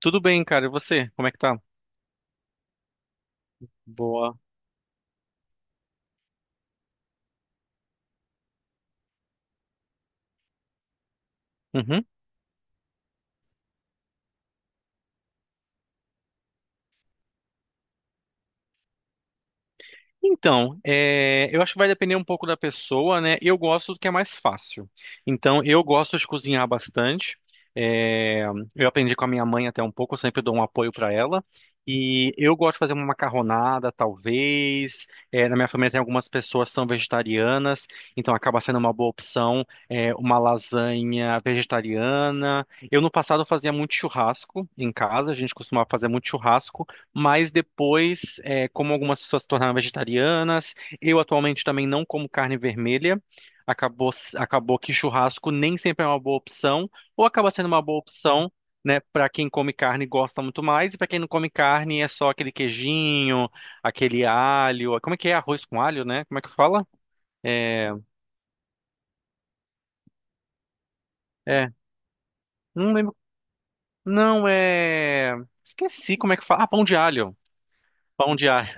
Tudo bem, cara. E você? Como é que tá? Boa. Uhum. Então, eu acho que vai depender um pouco da pessoa, né? Eu gosto do que é mais fácil. Então, eu gosto de cozinhar bastante. É, Eu aprendi com a minha mãe até um pouco, eu sempre dou um apoio para ela. E eu gosto de fazer uma macarronada, talvez. Na minha família tem algumas pessoas que são vegetarianas, então acaba sendo uma boa opção, uma lasanha vegetariana. Eu no passado fazia muito churrasco em casa, a gente costumava fazer muito churrasco. Mas depois, como algumas pessoas se tornaram vegetarianas, eu atualmente também não como carne vermelha. Acabou que churrasco nem sempre é uma boa opção, ou acaba sendo uma boa opção, né, para quem come carne e gosta muito mais, e para quem não come carne é só aquele queijinho, aquele alho. Como é que é? Arroz com alho, né? Como é que fala? É, é, não lembro. Não, é. Esqueci como é que fala. Ah, pão de alho. Pão de alho.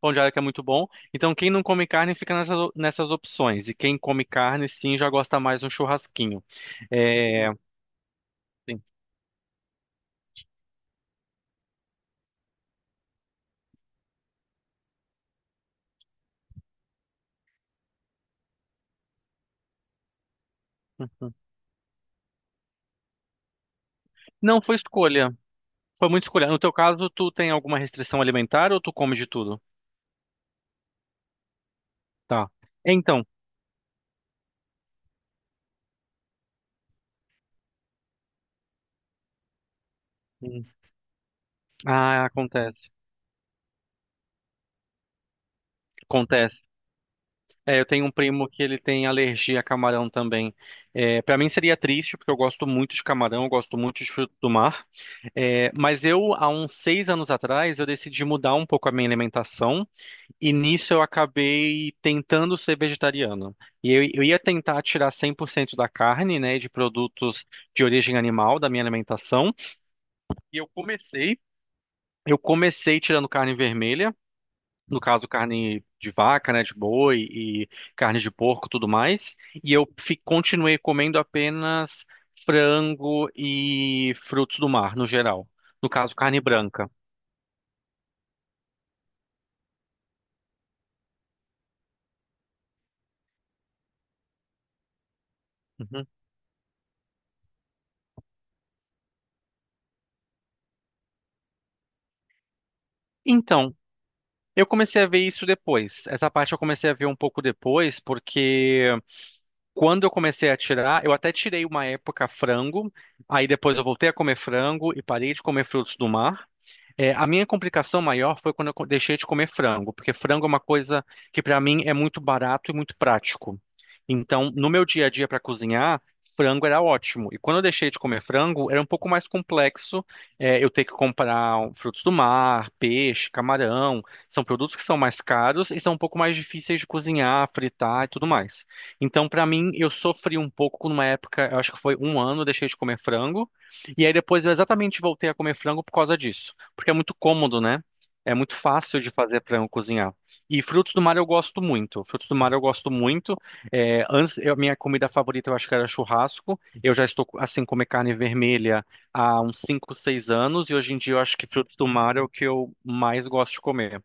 Pão de alho que é muito bom. Então, quem não come carne fica nessas, nessas opções. E quem come carne, sim, já gosta mais de um churrasquinho. É, sim. Não foi escolha. Foi muito escolha. No teu caso, tu tem alguma restrição alimentar ou tu come de tudo? Tá. Então. hum, Ah, acontece. Acontece. Eu tenho um primo que ele tem alergia a camarão também. Para mim seria triste, porque eu gosto muito de camarão, eu gosto muito de fruto do mar. Mas eu, há uns 6 anos atrás, eu decidi mudar um pouco a minha alimentação. E nisso eu acabei tentando ser vegetariano. E eu ia tentar tirar 100% da carne, né, de produtos de origem animal da minha alimentação. E eu comecei, eu comecei tirando carne vermelha, no caso carne de vaca, né, de boi e carne de porco, tudo mais. E eu continuei comendo apenas frango e frutos do mar, no geral. No caso, carne branca. Uhum. Então, eu comecei a ver isso depois. Essa parte eu comecei a ver um pouco depois, porque quando eu comecei a tirar, eu até tirei uma época frango, aí depois eu voltei a comer frango e parei de comer frutos do mar. A minha complicação maior foi quando eu deixei de comer frango, porque frango é uma coisa que para mim é muito barato e muito prático. Então, no meu dia a dia para cozinhar, frango era ótimo. E quando eu deixei de comer frango, era um pouco mais complexo, eu ter que comprar frutos do mar, peixe, camarão. São produtos que são mais caros e são um pouco mais difíceis de cozinhar, fritar e tudo mais. Então, para mim, eu sofri um pouco numa época, eu acho que foi um ano, eu deixei de comer frango. E aí depois eu exatamente voltei a comer frango por causa disso porque é muito cômodo, né? É muito fácil de fazer para eu cozinhar. E frutos do mar eu gosto muito. Frutos do mar eu gosto muito. Antes, minha comida favorita eu acho que era churrasco. Eu já estou assim comer carne vermelha há uns 5 ou 6 anos e hoje em dia eu acho que frutos do mar é o que eu mais gosto de comer.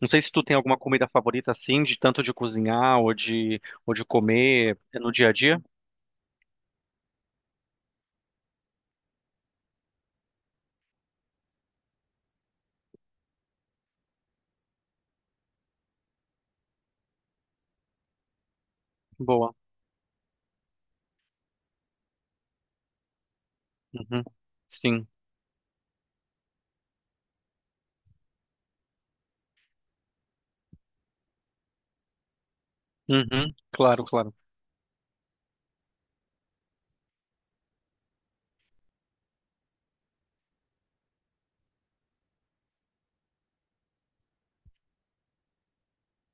Não sei se tu tem alguma comida favorita assim, de tanto de cozinhar ou de comer no dia a dia. Boa. Uhum. Sim. Uhum. Claro, claro.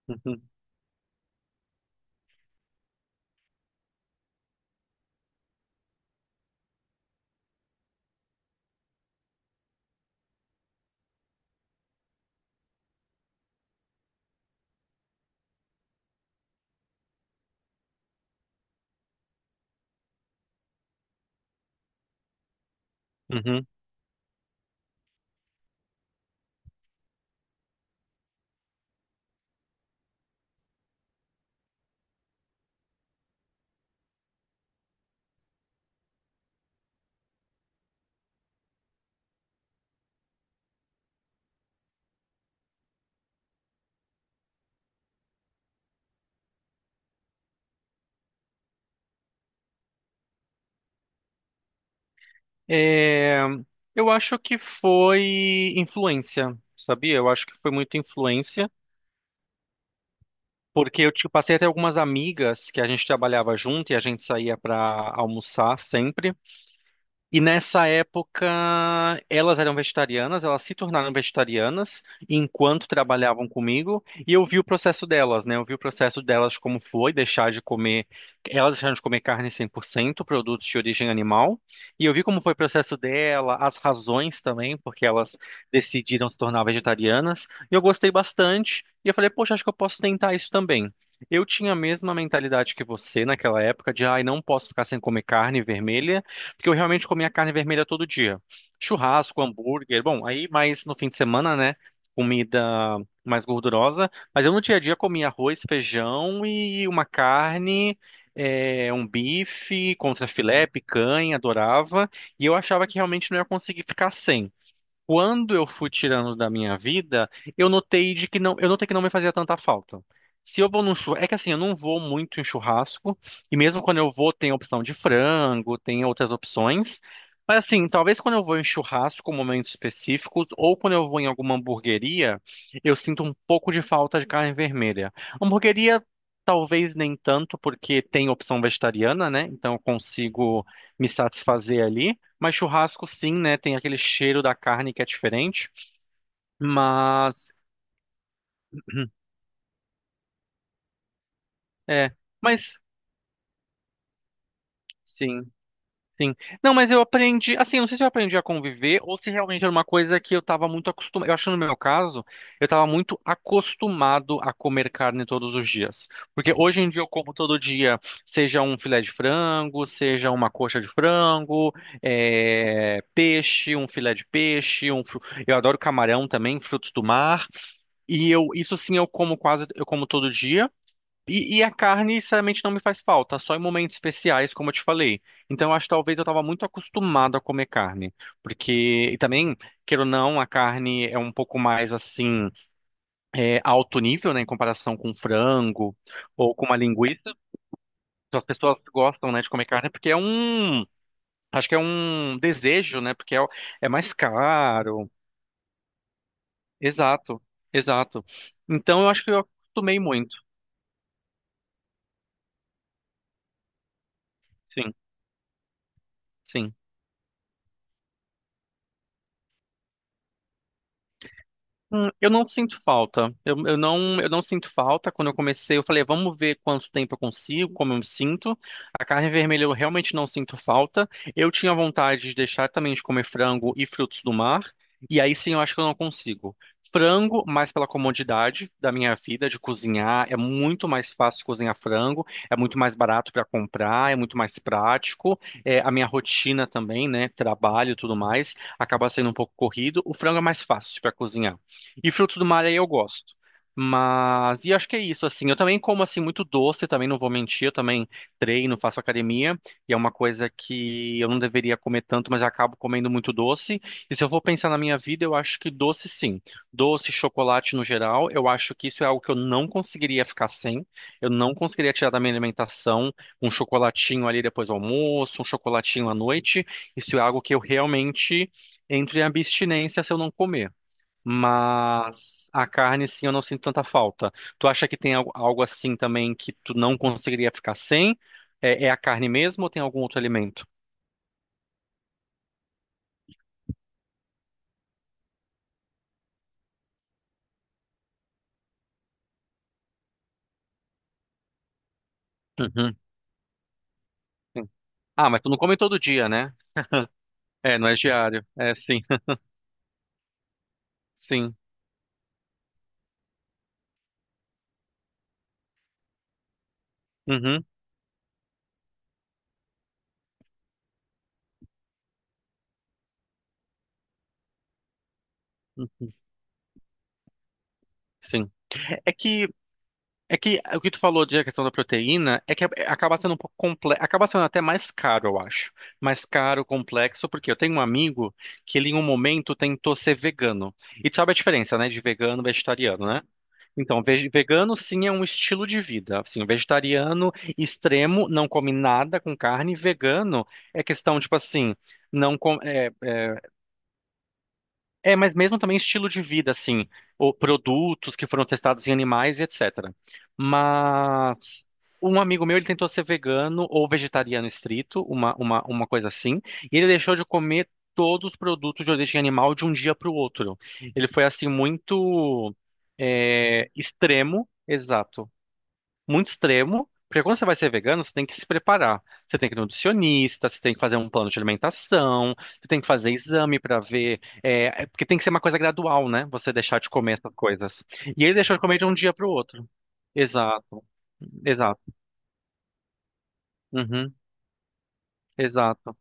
Uhum. Uhum. É, eu acho que foi influência, sabia? Eu acho que foi muita influência, porque eu tipo, passei até algumas amigas que a gente trabalhava junto e a gente saía para almoçar sempre. E nessa época, elas eram vegetarianas, elas se tornaram vegetarianas enquanto trabalhavam comigo, e eu vi o processo delas, né? Eu vi o processo delas como foi deixar de comer, elas deixaram de comer carne 100% produtos de origem animal, e eu vi como foi o processo dela, as razões também, porque elas decidiram se tornar vegetarianas, e eu gostei bastante, e eu falei, poxa, acho que eu posso tentar isso também. Eu tinha a mesma mentalidade que você naquela época de, ai, não posso ficar sem comer carne vermelha, porque eu realmente comia carne vermelha todo dia. Churrasco, hambúrguer, bom, aí mais no fim de semana, né? Comida mais gordurosa, mas eu no dia a dia comia arroz, feijão e uma carne, um bife, contrafilé, picanha, adorava, e eu achava que realmente não ia conseguir ficar sem quando eu fui tirando da minha vida, eu notei de que não, eu notei que não me fazia tanta falta. Se eu vou num churrasco, é que assim, eu não vou muito em churrasco, e mesmo quando eu vou, tem a opção de frango, tem outras opções. Mas assim, talvez quando eu vou em churrasco, momentos específicos, ou quando eu vou em alguma hamburgueria, eu sinto um pouco de falta de carne vermelha. Hamburgueria, talvez nem tanto, porque tem opção vegetariana, né? Então eu consigo me satisfazer ali. Mas churrasco, sim, né? Tem aquele cheiro da carne que é diferente. Mas. É. Mas, sim. Sim. Não, mas eu aprendi, assim, eu não sei se eu aprendi a conviver ou se realmente era uma coisa que eu estava muito acostumado. Eu acho que no meu caso, eu estava muito acostumado a comer carne todos os dias. Porque hoje em dia eu como todo dia, seja um filé de frango, seja uma coxa de frango, peixe, um filé de peixe, eu adoro camarão também, frutos do mar. E eu, isso sim, eu como todo dia. E a carne, sinceramente, não me faz falta, só em momentos especiais, como eu te falei. Então, eu acho que talvez eu estava muito acostumado a comer carne. Porque, e também, queira ou não, a carne é um pouco mais, assim, alto nível, né, em comparação com frango ou com uma linguiça. Então, as pessoas gostam, né, de comer carne porque é um, acho que é um desejo, né, porque é mais caro. Exato, exato. Então, eu acho que eu acostumei muito. Sim, sim. Eu não sinto falta. Eu não sinto falta. Quando eu comecei, eu falei, vamos ver quanto tempo eu consigo, como eu me sinto. A carne vermelha eu realmente não sinto falta. Eu tinha vontade de deixar também de comer frango e frutos do mar. E aí sim, eu acho que eu não consigo. Frango, mais pela comodidade da minha vida de cozinhar, é muito mais fácil cozinhar frango, é muito mais barato para comprar, é muito mais prático. A minha rotina também, né, trabalho e tudo mais, acaba sendo um pouco corrido. O frango é mais fácil para cozinhar. E frutos do mar aí eu gosto. Mas, e acho que é isso, assim. Eu também como, assim, muito doce, também não vou mentir. Eu também treino, faço academia. E é uma coisa que eu não deveria comer tanto, mas eu acabo comendo muito doce. E se eu for pensar na minha vida, eu acho que doce, sim. Doce, chocolate no geral, eu acho que isso é algo que eu não conseguiria ficar sem. Eu não conseguiria tirar da minha alimentação um chocolatinho ali depois do almoço, um chocolatinho à noite. Isso é algo que eu realmente entro em abstinência se eu não comer. Mas a carne, sim, eu não sinto tanta falta. Tu acha que tem algo assim também que tu não conseguiria ficar sem? É a carne mesmo ou tem algum outro alimento? Uhum, sim. Ah, mas tu não come todo dia, né? É, não é diário. É, sim. Sim. Uhum, uhum, sim. É, é que é que o que tu falou de a questão da proteína é que acaba sendo um pouco complexo, acaba sendo até mais caro, eu acho. Mais caro, complexo, porque eu tenho um amigo que ele em um momento tentou ser vegano. E tu sabe a diferença, né, de vegano e vegetariano, né? Então, vegano sim é um estilo de vida. Assim, o vegetariano extremo não come nada com carne. Vegano é questão, tipo assim, não com- mas mesmo também estilo de vida, assim, ou produtos que foram testados em animais e etc. Mas um amigo meu, ele tentou ser vegano ou vegetariano estrito, uma coisa assim, e ele deixou de comer todos os produtos de origem animal de um dia para o outro. Ele foi assim muito extremo, exato, muito extremo, porque quando você vai ser vegano, você tem que se preparar. Você tem que ir no nutricionista, você tem que fazer um plano de alimentação, você tem que fazer exame para ver, porque tem que ser uma coisa gradual, né? Você deixar de comer essas coisas. E ele deixou de comer de um dia para o outro. Exato, exato. Uhum, exato.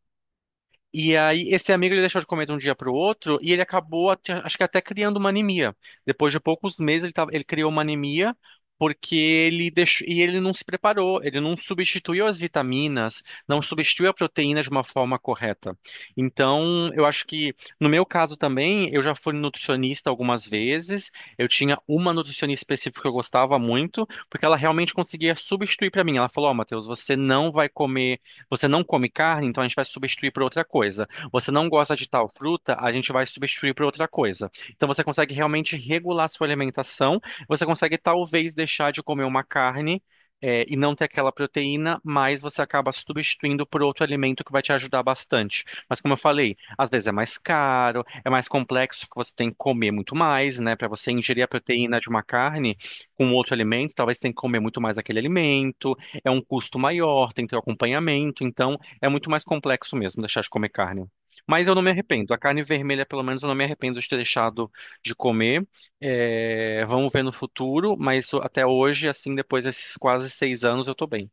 E aí, esse amigo ele deixou de comer de um dia para o outro e ele acabou, acho que até criando uma anemia. Depois de poucos meses, ele criou uma anemia porque ele deixou, e ele não se preparou, ele não substituiu as vitaminas, não substituiu a proteína de uma forma correta. Então, eu acho que, no meu caso também, eu já fui nutricionista algumas vezes, eu tinha uma nutricionista específica que eu gostava muito, porque ela realmente conseguia substituir para mim. Ela falou: Ó, Matheus, você não vai comer. Você não come carne, então a gente vai substituir por outra coisa. Você não gosta de tal fruta, a gente vai substituir por outra coisa. Então você consegue realmente regular sua alimentação. Você consegue talvez deixar de comer uma carne, e não ter aquela proteína, mas você acaba substituindo por outro alimento que vai te ajudar bastante. Mas como eu falei, às vezes é mais caro, é mais complexo, porque você tem que comer muito mais, né? Para você ingerir a proteína de uma carne com outro alimento, talvez você tenha que comer muito mais aquele alimento é um custo maior, tem que ter o acompanhamento, então é muito mais complexo mesmo deixar de comer carne. Mas eu não me arrependo. A carne vermelha, pelo menos, eu não me arrependo de ter deixado de comer. Vamos ver no futuro, mas até hoje, assim, depois desses quase 6 anos, eu tô bem.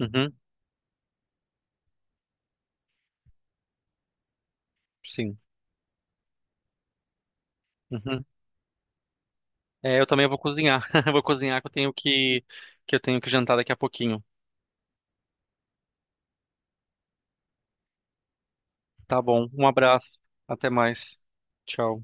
Uhum, sim. Uhum. Eu também vou cozinhar. Vou cozinhar que eu tenho que jantar daqui a pouquinho. Tá bom. Um abraço. Até mais. Tchau.